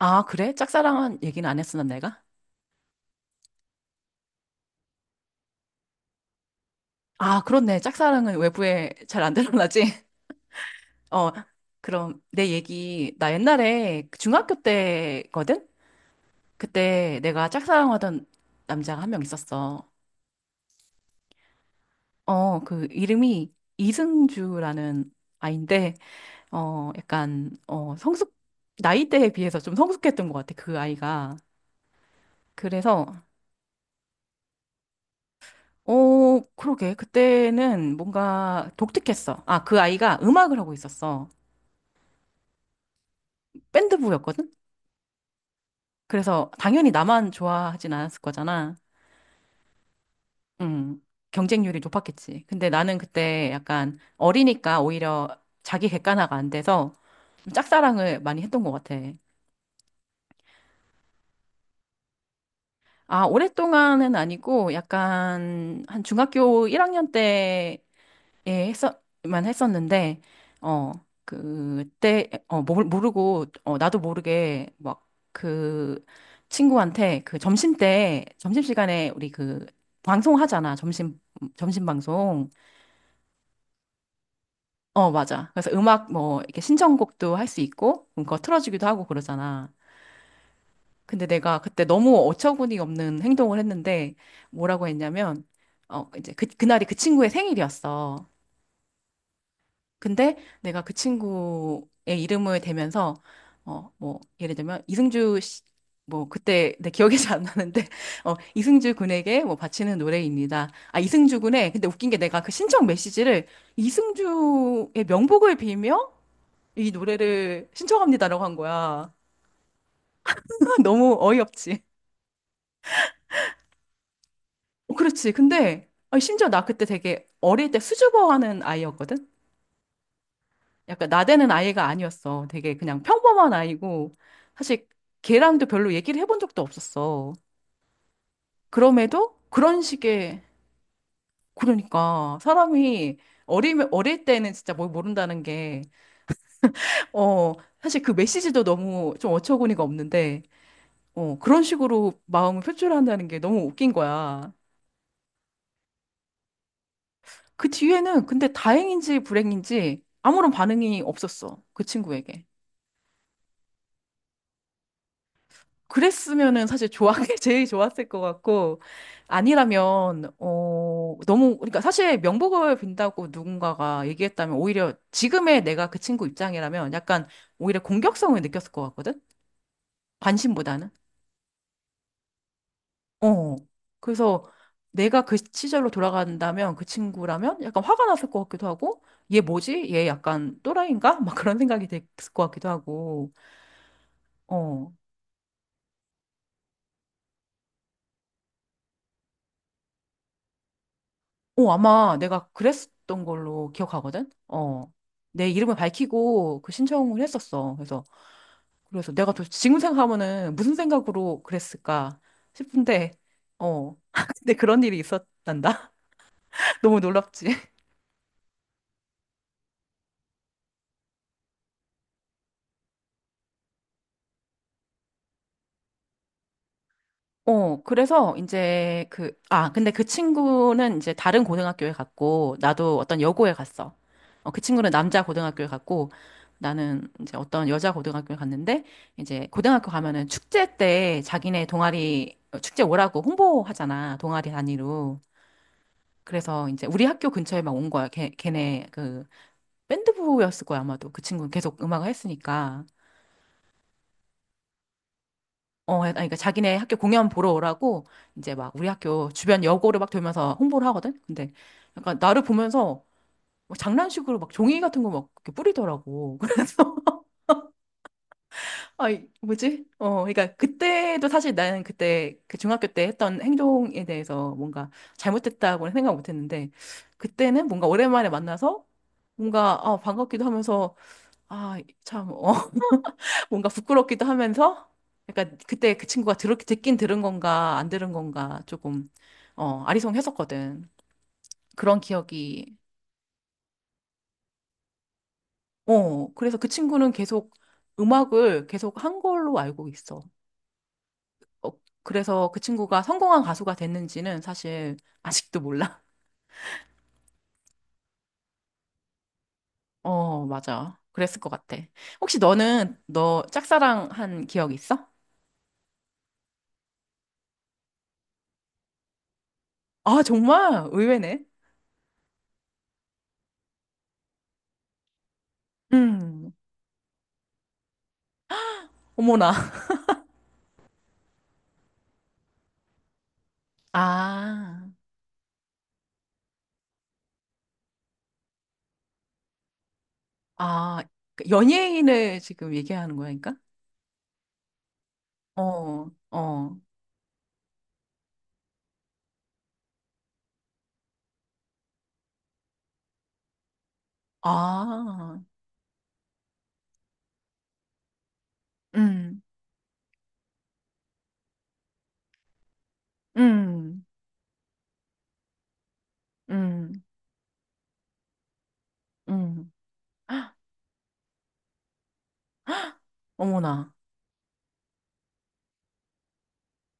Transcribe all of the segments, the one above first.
아, 그래? 짝사랑은 얘기는 안 했었나, 내가? 아, 그렇네. 짝사랑은 외부에 잘 안 드러나지? 어, 그럼 내 얘기, 나 옛날에 그 중학교 때거든? 그때 내가 짝사랑하던 남자가 한 명 있었어. 그 이름이 이승주라는 아인데, 약간 나이대에 비해서 좀 성숙했던 것 같아, 그 아이가. 그래서, 그러게. 그때는 뭔가 독특했어. 아, 그 아이가 음악을 하고 있었어. 밴드부였거든? 그래서 당연히 나만 좋아하진 않았을 거잖아. 음, 경쟁률이 높았겠지. 근데 나는 그때 약간 어리니까 오히려 자기 객관화가 안 돼서 좀 짝사랑을 많이 했던 것 같아. 아, 오랫동안은 아니고 약간 한 중학교 1학년 때 예, 했었만 했었는데, 어, 그때, 모르고, 나도 모르게, 막, 그, 친구한테, 그, 점심 때, 점심시간에 우리 그, 방송하잖아. 점심, 점심 방송. 어, 맞아. 그래서 음악, 뭐, 이렇게 신청곡도 할 수 있고, 그거 틀어주기도 하고 그러잖아. 근데 내가 그때 너무 어처구니 없는 행동을 했는데, 뭐라고 했냐면, 이제 그, 그날이 그 친구의 생일이었어. 근데 내가 그 친구의 이름을 대면서 뭐 예를 들면 이승주 씨, 뭐 그때 내 기억이 잘 안 나는데 이승주 군에게 뭐 바치는 노래입니다. 아 이승주 군의 근데 웃긴 게 내가 그 신청 메시지를 이승주의 명복을 빌며 이 노래를 신청합니다라고 한 거야. 너무 어이없지. 어, 그렇지. 근데 아니, 심지어 나 그때 되게 어릴 때 수줍어하는 아이였거든. 약간 나대는 아이가 아니었어. 되게 그냥 평범한 아이고 사실 걔랑도 별로 얘기를 해본 적도 없었어. 그럼에도 그런 식의 그러니까 사람이 어리 어릴 때는 진짜 뭘 모른다는 게 어, 사실 그 메시지도 너무 좀 어처구니가 없는데 그런 식으로 마음을 표출한다는 게 너무 웃긴 거야. 그 뒤에는 근데 다행인지 불행인지 아무런 반응이 없었어. 그 친구에게. 그랬으면은 사실 좋아, 제일 좋았을 것 같고, 아니라면, 너무, 그러니까 사실 명복을 빈다고 누군가가 얘기했다면 오히려 지금의 내가 그 친구 입장이라면 약간 오히려 공격성을 느꼈을 것 같거든? 관심보다는? 어. 그래서 내가 그 시절로 돌아간다면 그 친구라면 약간 화가 났을 것 같기도 하고, 얘 뭐지? 얘 약간 또라이인가? 막 그런 생각이 됐을 것 같기도 하고, 어. 어, 아마 내가 그랬던 걸로 기억하거든? 어. 내 이름을 밝히고 그 신청을 했었어. 그래서, 그래서 내가 또 지금 생각하면은 무슨 생각으로 그랬을까 싶은데, 어. 근데 그런 일이 있었단다. 너무 놀랍지. 그래서 이제 그, 아, 근데 그 친구는 이제 다른 고등학교에 갔고, 나도 어떤 여고에 갔어. 그 친구는 남자 고등학교에 갔고, 나는 이제 어떤 여자 고등학교에 갔는데, 이제 고등학교 가면은 축제 때 자기네 동아리, 축제 오라고 홍보하잖아, 동아리 단위로. 그래서 이제 우리 학교 근처에 막 온 거야. 걔네 그 밴드부였을 거야, 아마도. 그 친구는 계속 음악을 했으니까. 아니, 그러니까 자기네 학교 공연 보러 오라고 이제 막 우리 학교 주변 여고를 막 돌면서 홍보를 하거든. 근데 약간 나를 보면서 막 장난식으로 막 종이 같은 거 막 뿌리더라고. 그래서 아이 뭐지? 그러니까 그때도 사실 나는 그때 그 중학교 때 했던 행동에 대해서 뭔가 잘못됐다고는 생각 못 했는데 그때는 뭔가 오랜만에 만나서 뭔가 아, 반갑기도 하면서 아, 참 어. 뭔가 부끄럽기도 하면서 약간 그때 그 친구가 듣긴 들은 건가 안 들은 건가 조금 아리송했었거든. 그런 기억이. 그래서 그 친구는 계속 음악을 계속 한 걸로 알고 있어. 어, 그래서 그 친구가 성공한 가수가 됐는지는 사실 아직도 몰라. 어, 맞아. 그랬을 것 같아. 혹시 너는 너 짝사랑한 기억 있어? 아, 정말 의외네. 음, 어머나. 아. 아, 그 연예인을 지금 얘기하는 거니까? 어, 어. 아, 음, 음, 음, 음. 헉, 어머나.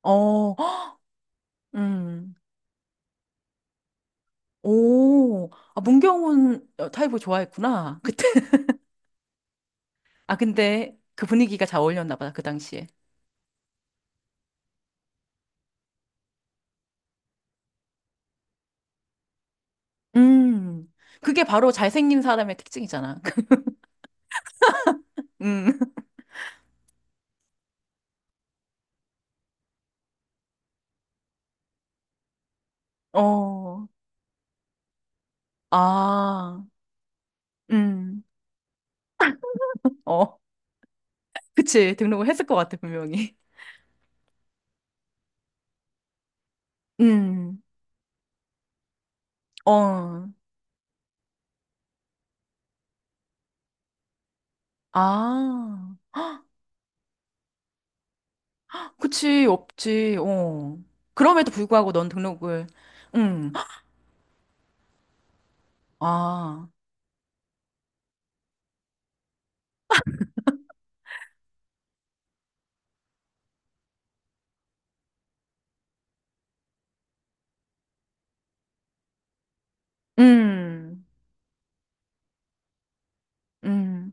어, 헉, 음. 오, 아, 문경훈 타입을 좋아했구나. 그때. 아, 근데 그 분위기가 잘 어울렸나 보다, 그 당시에. 음. 그게 바로 잘생긴 사람의 특징이잖아. 음. 어. 아. 음. 어. 그치. 등록을 했을 것 같아, 분명히. 음. 어, 아, 그치, 없지, 어. 그럼에도 불구하고 넌 등록을, 응 아, 음, 음,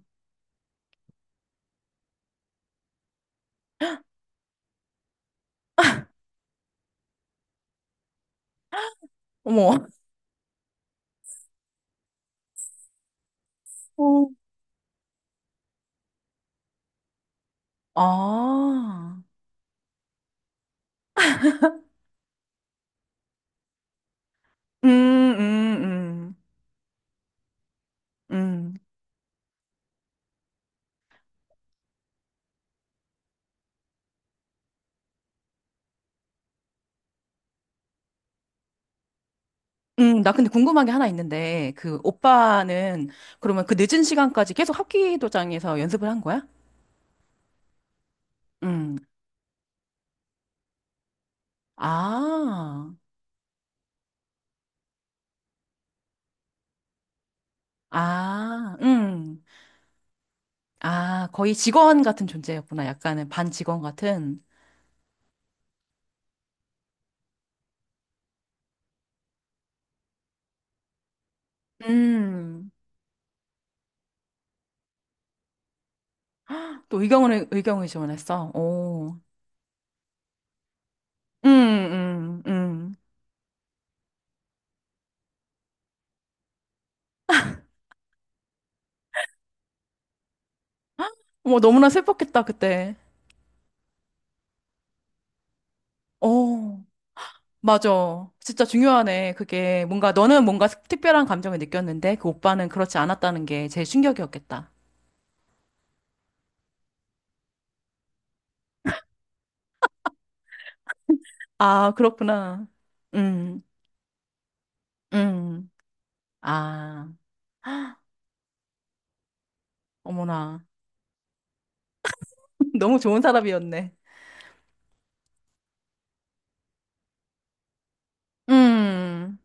어머, 어. 아, 음, 음, 음, 음, 나 근데 궁금한 게 하나 있는데, 그 오빠는 그러면 그 늦은 시간까지 계속 합기도장에서 연습을 한 거야? 음, 아, 아, 아, 거의 직원 같은 존재였구나. 약간은 반 직원 같은. 음. 또 의경을, 의경을 지원했어. 오. 음, 음, 음. 뭐 너무나 슬펐겠다, 그때. 오. 맞아. 진짜 중요하네. 그게 뭔가 너는 뭔가 특별한 감정을 느꼈는데 그 오빠는 그렇지 않았다는 게 제일 충격이었겠다. 아, 그렇구나. 음, 음. 아, 어머나. 너무 좋은 사람이었네. 음,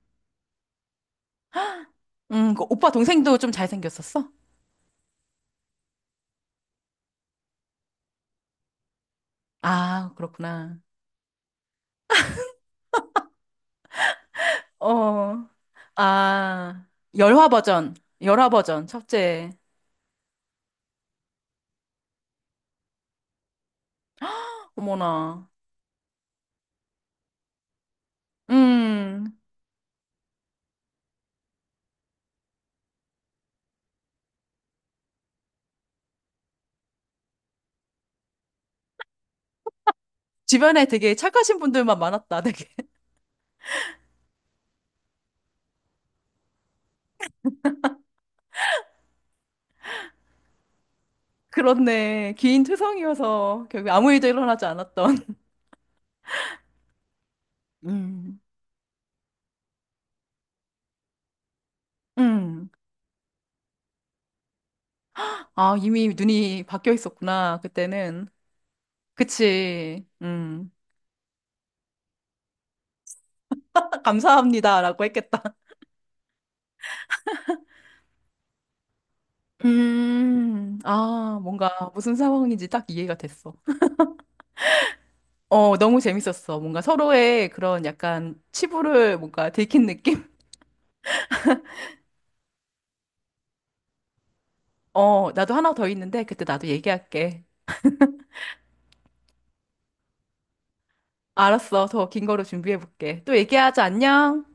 그 오빠 동생도 좀 잘생겼었어? 아, 그렇구나. 어, 아, 열화 버전, 열화 버전, 첫째. 어머나. 음, 주변에 되게 착하신 분들만 많았다, 되게. 그렇네. 긴 투성이어서 결국 아무 일도 일어나지 않았던. 음, 음. 아, 이미 눈이 바뀌어 있었구나, 그때는. 그치. 음. 감사합니다라고 했겠다. 아, 뭔가 무슨 상황인지 딱 이해가 됐어. 어, 너무 재밌었어. 뭔가 서로의 그런 약간 치부를 뭔가 들킨 느낌? 어, 나도 하나 더 있는데 그때 나도 얘기할게. 알았어. 더 긴 거로 준비해볼게. 또 얘기하자. 안녕.